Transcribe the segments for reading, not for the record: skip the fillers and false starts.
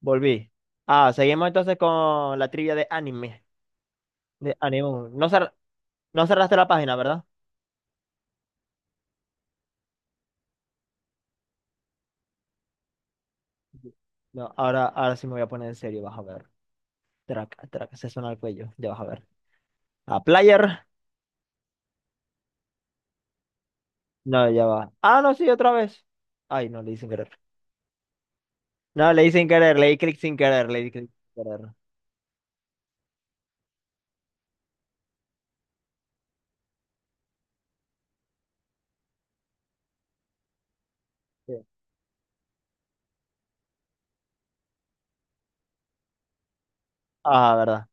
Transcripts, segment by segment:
Volví. Seguimos entonces con la trivia de anime. De anime. No, no cerraste la página, ¿verdad? No, ahora sí me voy a poner en serio, vas a ver. Traca, traca, se suena el cuello, ya vas a ver. A player. No, ya va. Ah, no, sí, otra vez. Ay, no, le di sin querer. No, le di sin querer, le di clic sin querer, le di clic sin querer. Sí. Ah, verdad.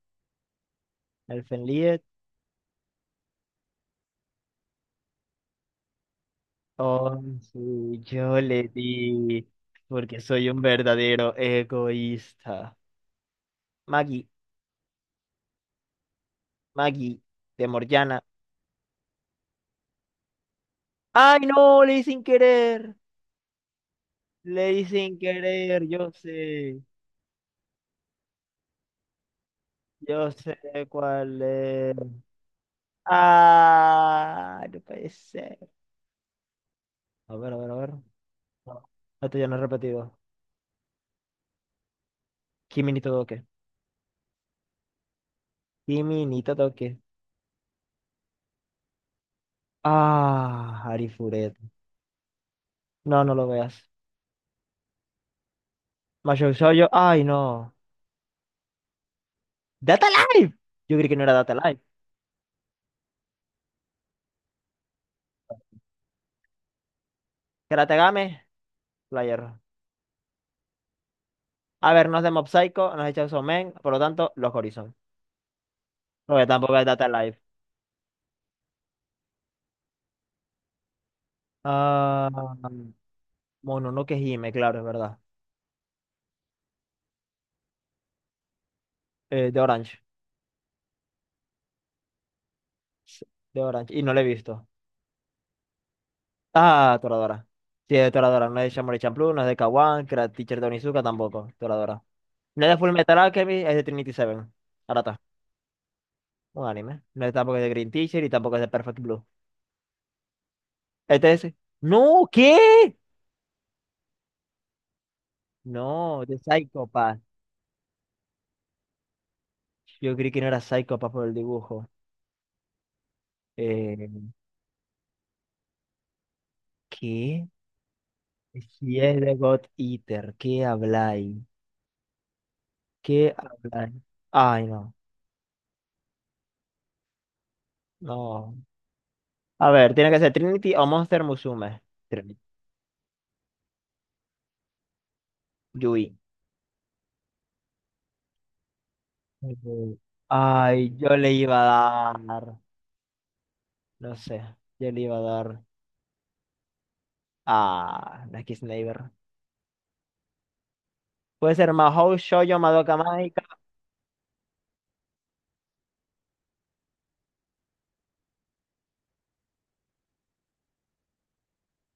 El Fenliet. Oh, sí, yo le di. Porque soy un verdadero egoísta. Maggie, Maggie, de Morgiana. Ay, no, leí sin querer. Leí sin querer, yo sé. Yo sé cuál es. Ah, no puede ser. A ver, a ver, a ver. No, esto ya no es repetido. Kimi ni Todoke. Kimi ni Todoke. Ah, Arifuret. No, no lo veas. Majou Shoujo. Ay, no. Data Live. Yo creí que no era Data Live. Karate Game, Player. A ver, nos de Mob Psycho, nos de Chainsaw Man, por lo tanto, los Horizon. Porque tampoco es Data Live. Ah. Mononoke Hime, claro, es verdad. De Orange. Sí, De Orange. Y no la he visto. Ah, Toradora. Sí, es de Toradora. No es de Shaolin Champloo, no es de Kawan, Karate Teacher de Onizuka tampoco. Toradora. No es de Full Metal Alchemist, es de Trinity Seven. Arata. Un anime. No es tampoco de Green Teacher y tampoco es de Perfect Blue. Este es. ¡No! ¿Qué? No, de Psycho Pass. Yo creí que no era Psycho Pass por el dibujo. Eh, ¿Qué? Si es de God Eater, ¿qué habláis? ¿Qué habláis? Ay, no. No. A ver, tiene que ser Trinity o Monster Musume. Trinity. Yui. Eh, Ay, yo le iba a dar. No sé. Yo le iba a dar a Lucky Sniper. Puede ser Mahou, Shoujo, Madoka Mágica.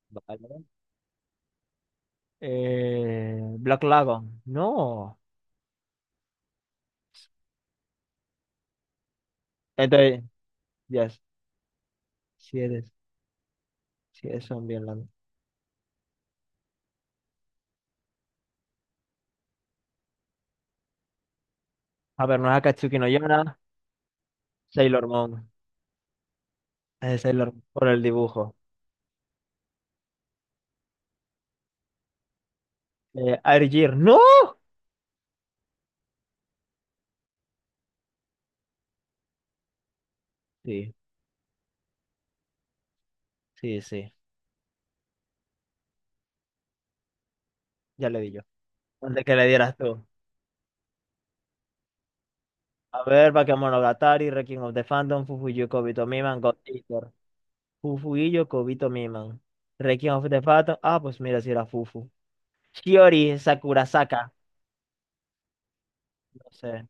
Vale. Black Lagoon. No. Entonces, yes. Si eres, si eres zombie hablando. A ver, no es Akatsuki no Yona. Sailor Moon. Es Sailor Moon por el dibujo. Air Gear. ¡No! Sí, sí, sí. Ya le di yo. Antes que le dieras tú. A ver, Bakemonogatari, Requiem of the Phantom, Fufuyu Kobito Miman, God Eater. Fufuyu Kobito Miman. Requiem of the Phantom. Ah, pues mira, si era Fufu. Shiori Sakurasaka. No sé.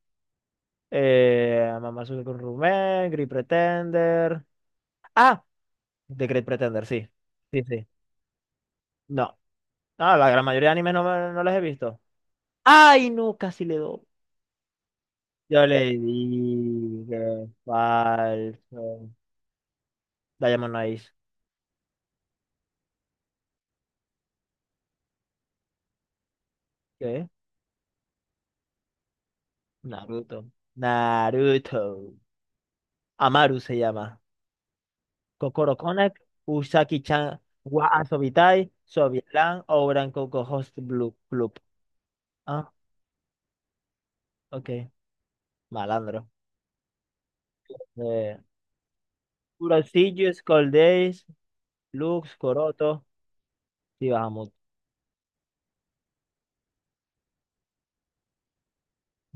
Mamazuke con Rumen, Great Pretender. Ah, The Great Pretender, sí. Sí, sí. No. Ah, la gran mayoría de animes no, no los he visto. ¡Ay, no! Casi le doy. Yo le dije falso. Diamond Eyes. ¿Qué? Naruto. Naruto. Amaru se llama. Kokoro Konak, Usaki-chan, wa Asobitai, Sobilan, Ouran Koko Host Blue Club. Ah, ok. Malandro. Eh, Kurosillus, Cold Days, Lux, Coroto. Sí, bajamos.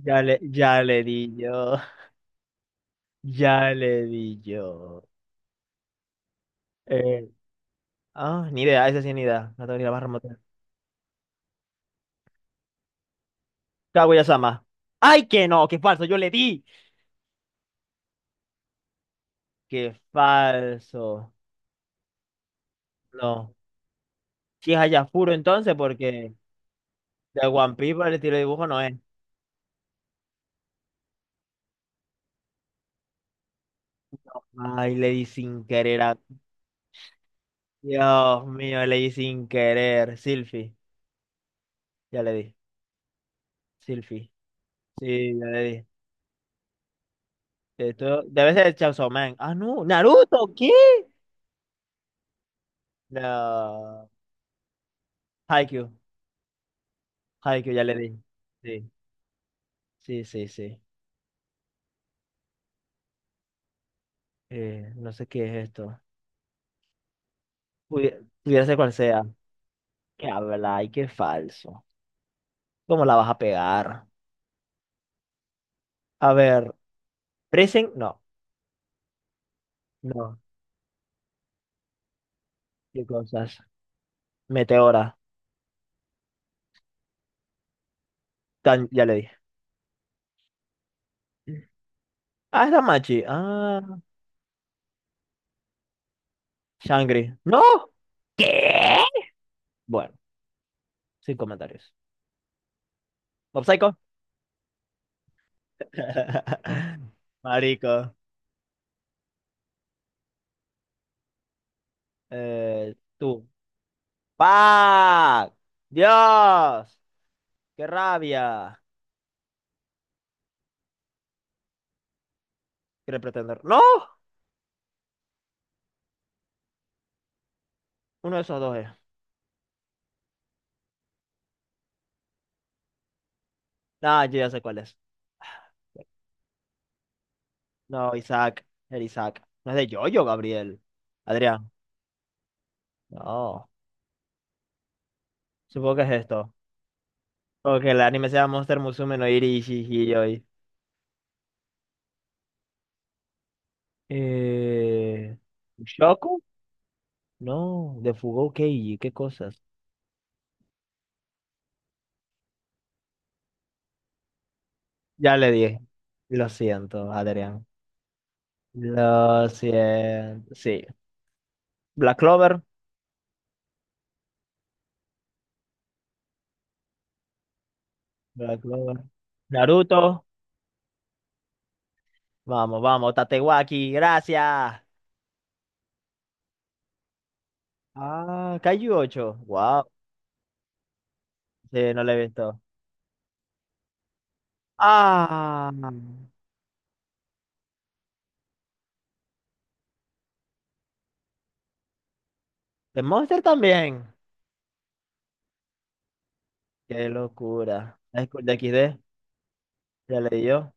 Ya le di yo. Ya le di yo. Eh, ni idea, esa sí ni idea. No tengo ni la más remota. Kaguya-sama. ¡Ay, que no! ¡Qué falso! Yo le di. ¡Qué falso! No. Si es Hayafuro entonces, porque. De One Piece para el estilo de dibujo no es. Ay, le di sin querer a... Dios mío, le di sin querer. Silphy, ya le di. Silphy. Sí, ya le di. Esto debe ser Chainsaw Man. Ah, no. Naruto, ¿qué? No. Haikyuu. Haikyuu, ya le di. Sí, sí, sí, sí. No sé qué es esto. Pudi- Pudiera ser cual sea. Qué habla y qué falso. ¿Cómo la vas a pegar? A ver, Presen, no, no. ¿Qué cosas? Meteora. Tan, ya le di. Ah, es Damachi. Ah, Shangri. ¡No! ¿Qué? Bueno, sin comentarios. Mob Psycho. Marico. Tú. ¡Pac! ¡Dios! ¡Qué rabia! Quiere pretender. ¡No! Uno de esos dos es. Ah, yo ya sé cuál es. No, Isaac. El Isaac. No es de Yoyo, Gabriel. Adrián. No. Supongo que es esto. Porque el anime se llama Monster Musume no Iri Shihiyoi. Eh. ¿Shoku? No, de Fugou Keiji, qué cosas. Ya le dije. Lo siento, Adrián. Lo siento. Sí. Black Clover. Black Clover. Naruto. Vamos, vamos. Tatewaki. Gracias. Ah, Kaiju 8. Wow. Sí, no lo he visto. Ah. The Monster también. Qué locura. High School de XD. Ya leí yo.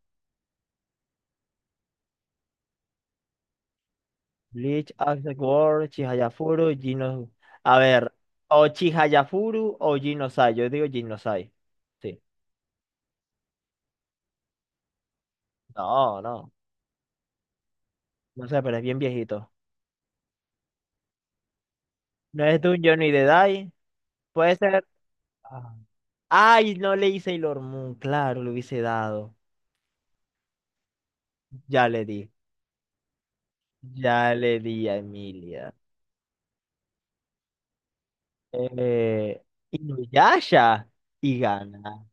Bleach, Axel World, Chihayafuru, Gino. A ver, o Chihayafuru o Ginosai. Yo digo Ginosai. Sí. No, no. No sé, pero es bien viejito. No es Dungeon ni de Dai. Puede ser. Ah. Ay, no leí Sailor Moon. Claro, lo hubiese dado. Ya le di. Ya le di a Emilia. Eh, Inuyasha. Y gana.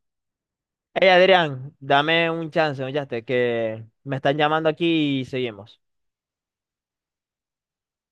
Hey, Adrián, dame un chance, oye, que me están llamando aquí y seguimos.